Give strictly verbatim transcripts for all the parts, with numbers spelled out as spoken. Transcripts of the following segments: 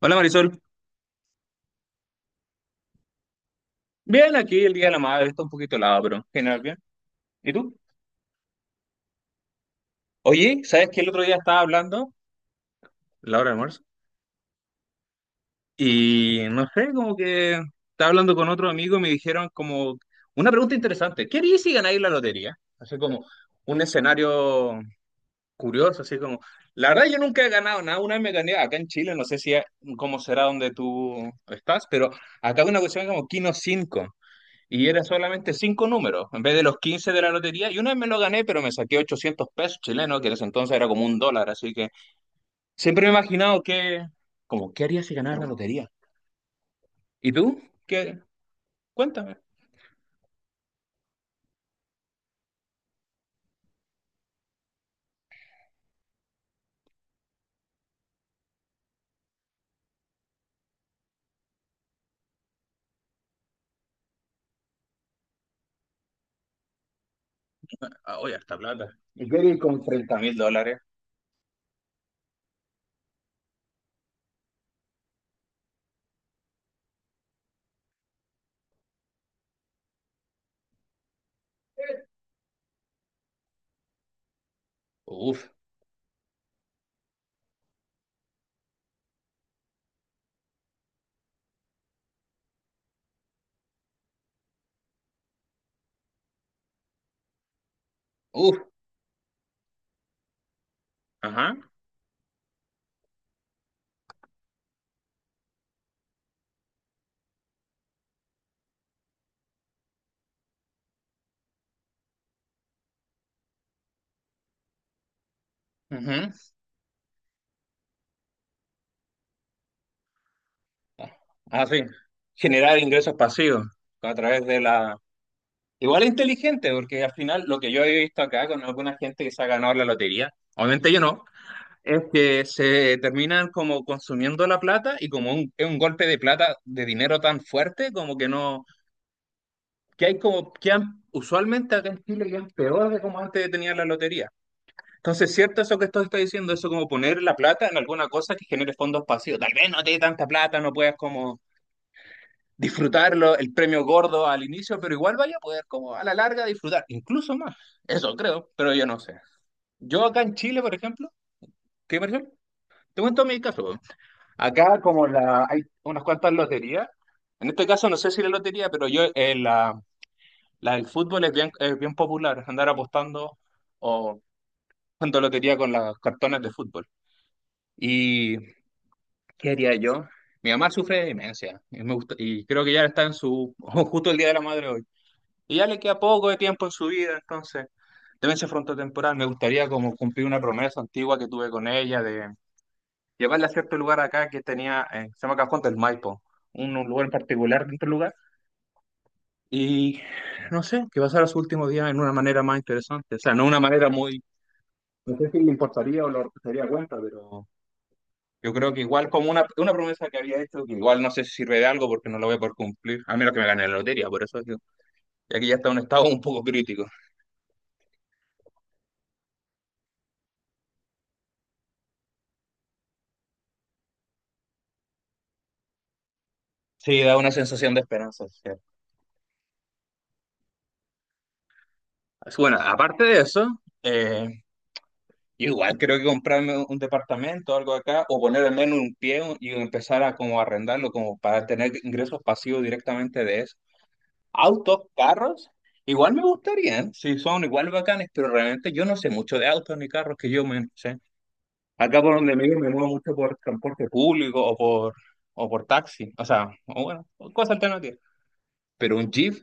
Hola Marisol. Bien, aquí el Día de la Madre está un poquito helado, pero general bien. ¿Y tú? Oye, ¿sabes que el otro día estaba hablando, la hora de almuerzo? Y no sé, como que estaba hablando con otro amigo y me dijeron como una pregunta interesante. ¿Qué harías si ganáis la lotería? Así como un escenario curioso, así como. La verdad yo nunca he ganado nada, una vez me gané acá en Chile, no sé si cómo será donde tú estás, pero acá hay una cuestión como Kino cinco. Y era solamente cinco números, en vez de los quince de la lotería. Y una vez me lo gané, pero me saqué ochocientos pesos chilenos, que en ese entonces era como un dólar. Así que siempre me he imaginado que, como, ¿qué haría si ganara la lotería? ¿Y tú? ¿Qué? Cuéntame. Ah, oye, harta plata. ¿Y qué haría con treinta mil dólares? Uf, uf. Ajá. ujú. Ah, sí. Generar ingresos pasivos a través de la. Igual es inteligente, porque al final lo que yo he visto acá con alguna gente que se ha ganado la lotería, obviamente yo no, Es que se terminan como consumiendo la plata y como un- es un golpe de plata, de dinero tan fuerte, como que no, que hay como, que han- usualmente acá en Chile ya es peor de como antes tenía la lotería. Entonces, cierto eso que esto está diciendo, eso como poner la plata en alguna cosa que genere fondos pasivos. Tal vez no te dé tanta plata, no puedas como disfrutarlo, el premio gordo al inicio, pero igual vaya a poder como a la larga disfrutar, incluso más. Eso creo, pero yo no sé. Yo acá en Chile, por ejemplo, ¿qué, Marcelo? Te cuento mi caso. Acá como la, hay unas cuantas loterías, en este caso no sé si la lotería, pero yo eh, la, la del fútbol es bien, es bien popular, andar apostando o jugando lotería con los cartones de fútbol. ¿Y qué haría yo? Mi mamá sufre de demencia y, me gusta- y creo que ya está en su, justo el Día de la Madre hoy. Y ya le queda poco de tiempo en su vida, entonces, demencia frontotemporal, me gustaría como cumplir una promesa antigua que tuve con ella llevarla a cierto lugar acá que tenía, eh, se llama Cajonte, el Maipo, un, un lugar en particular dentro del lugar, y no sé, que pasara su último día en una manera más interesante, o sea, no una manera muy, no sé si le importaría o lo se daría cuenta, pero yo creo que igual como una, una promesa que había hecho, que igual no sé si sirve de algo porque no lo voy a poder cumplir, a menos que me gane la lotería, por eso digo, ya que ya está en un estado un poco crítico. Sí, da una sensación de esperanza, es cierto. Bueno, aparte de eso... eh, Yo igual creo que comprarme un un departamento o algo acá, o poner al menos un pie y empezar a como arrendarlo, como para tener ingresos pasivos directamente de eso. Autos, carros, igual me gustarían, si son igual bacanes, pero realmente yo no sé mucho de autos ni carros que yo me no sé. Acá por donde me vivo me muevo mucho por transporte público o por, o por taxi, o sea, o bueno, cosas alternativas. Pero un Jeep,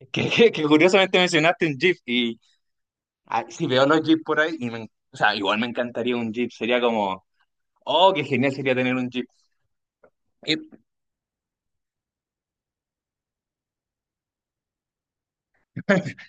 que, que, que curiosamente mencionaste un Jeep, y ah, si veo los Jeep por ahí, y me, o sea, igual me encantaría un Jeep, sería como oh, qué genial sería tener un jeep. Y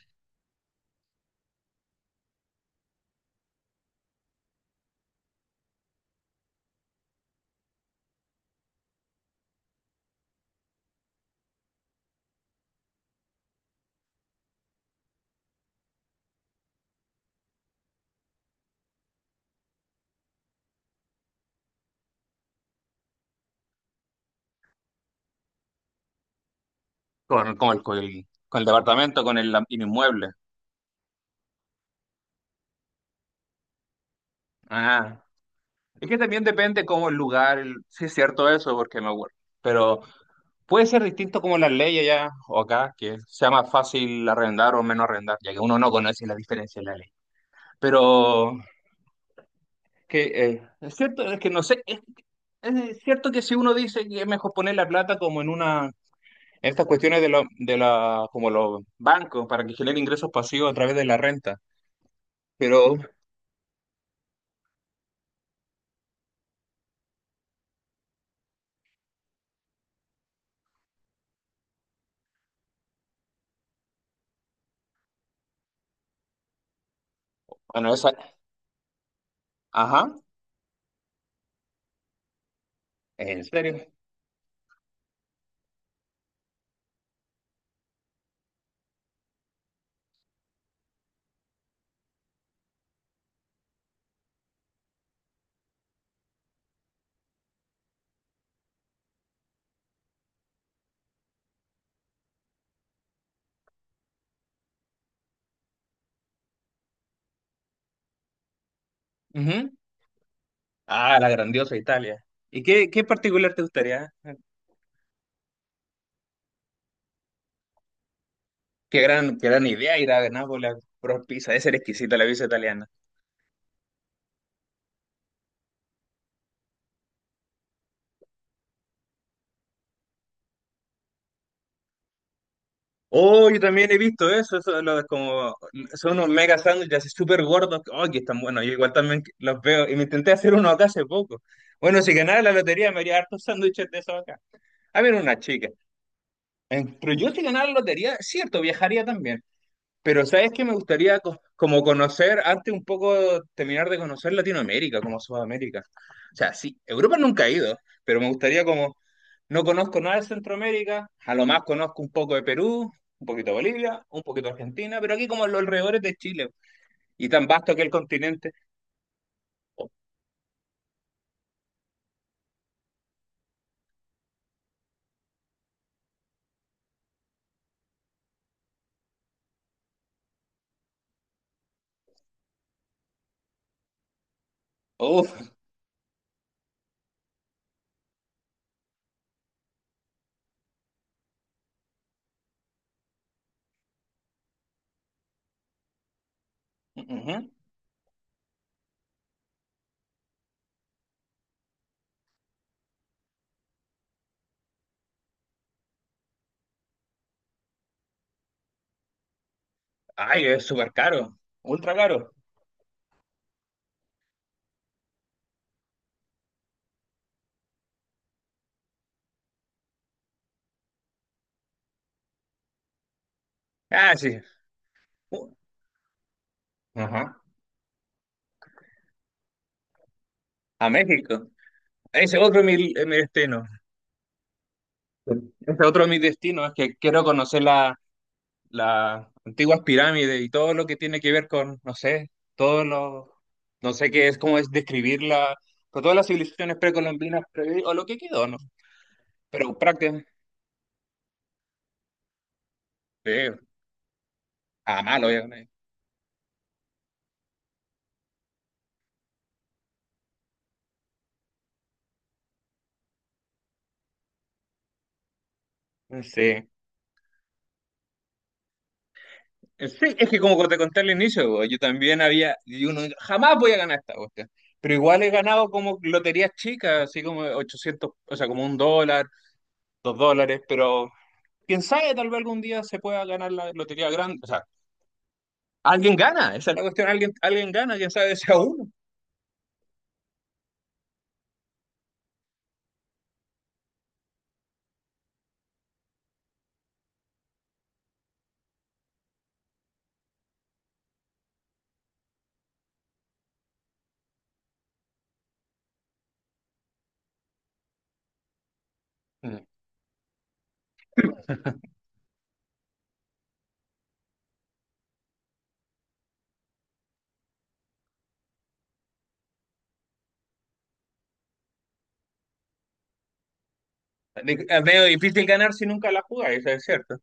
con, con el, con el- con el departamento, con el, el inmueble. Ah, es que también depende cómo el lugar, el- sí es cierto eso, porque me acuerdo. Pero puede ser distinto como las leyes allá o acá, que sea más fácil arrendar o menos arrendar, ya que uno no conoce la diferencia de la ley. Pero que eh, es cierto, es que no sé, es, es cierto que si uno dice que es mejor poner la plata como en una, en estas cuestiones de, lo- de la, como los bancos, para que generen ingresos pasivos a través de la renta. Pero, bueno, esa, ajá, en serio. Ujú. Ah, la grandiosa Italia. ¿Y qué, qué particular te gustaría? Qué gran, qué gran idea ir a Nápoles a probar pizza, debe ser exquisita la pizza italiana. Oh, yo también he visto eso, eso lo como, son unos mega sándwiches así súper gordos, oh, que están buenos, yo igual también los veo, y me intenté hacer uno acá hace poco. Bueno, si ganara la lotería me haría hartos sándwiches de esos acá. A ver, una chica. Eh, Pero yo si ganara la lotería, cierto, viajaría también. Pero sabes que me gustaría co- como conocer, antes un poco terminar de conocer Latinoamérica, como Sudamérica. O sea, sí, Europa nunca he ido, pero me gustaría como, no conozco nada de Centroamérica, a lo más conozco un poco de Perú, un poquito de Bolivia, un poquito de Argentina, pero aquí como en los alrededores de Chile, y tan vasto que el continente. Uf, ujú. Ay, es súper caro, ultra caro. Ah, sí. U- Ajá. A México. Ese es otro es mi, eh, mi destino. Ese otro de mis destinos, es que quiero conocer la las antiguas pirámides y todo lo que tiene que ver con, no sé, todos los, no sé qué es, cómo es describirla, pero todas las civilizaciones precolombinas pre- o lo que quedó, ¿no? Pero prácticamente, sí, a malo, obviamente. Sí. Sí, es que como te conté al inicio, bo, yo también había, y uno, jamás voy a ganar esta cuestión. Pero igual he ganado como loterías chicas, así como ochocientos o sea, como un dólar, dos dólares, pero quién sabe, tal vez algún día se pueda ganar la lotería grande, o sea, Alguien gana, esa es la cuestión, alguien, alguien gana, ya sabes, sea uno. Mm. Es medio difícil ganar si nunca la jugáis, eso es cierto.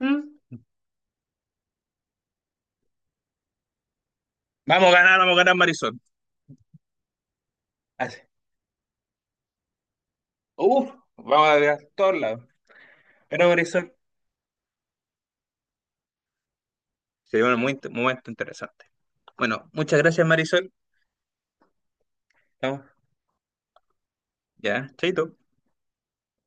Mm. Vamos a ganar, vamos a ganar Marisol. Así. Uf, vamos a ganar todos lados. Pero Marisol, se dio un muy- momento interesante. Bueno, muchas gracias Marisol. Vamos, ya, chaito.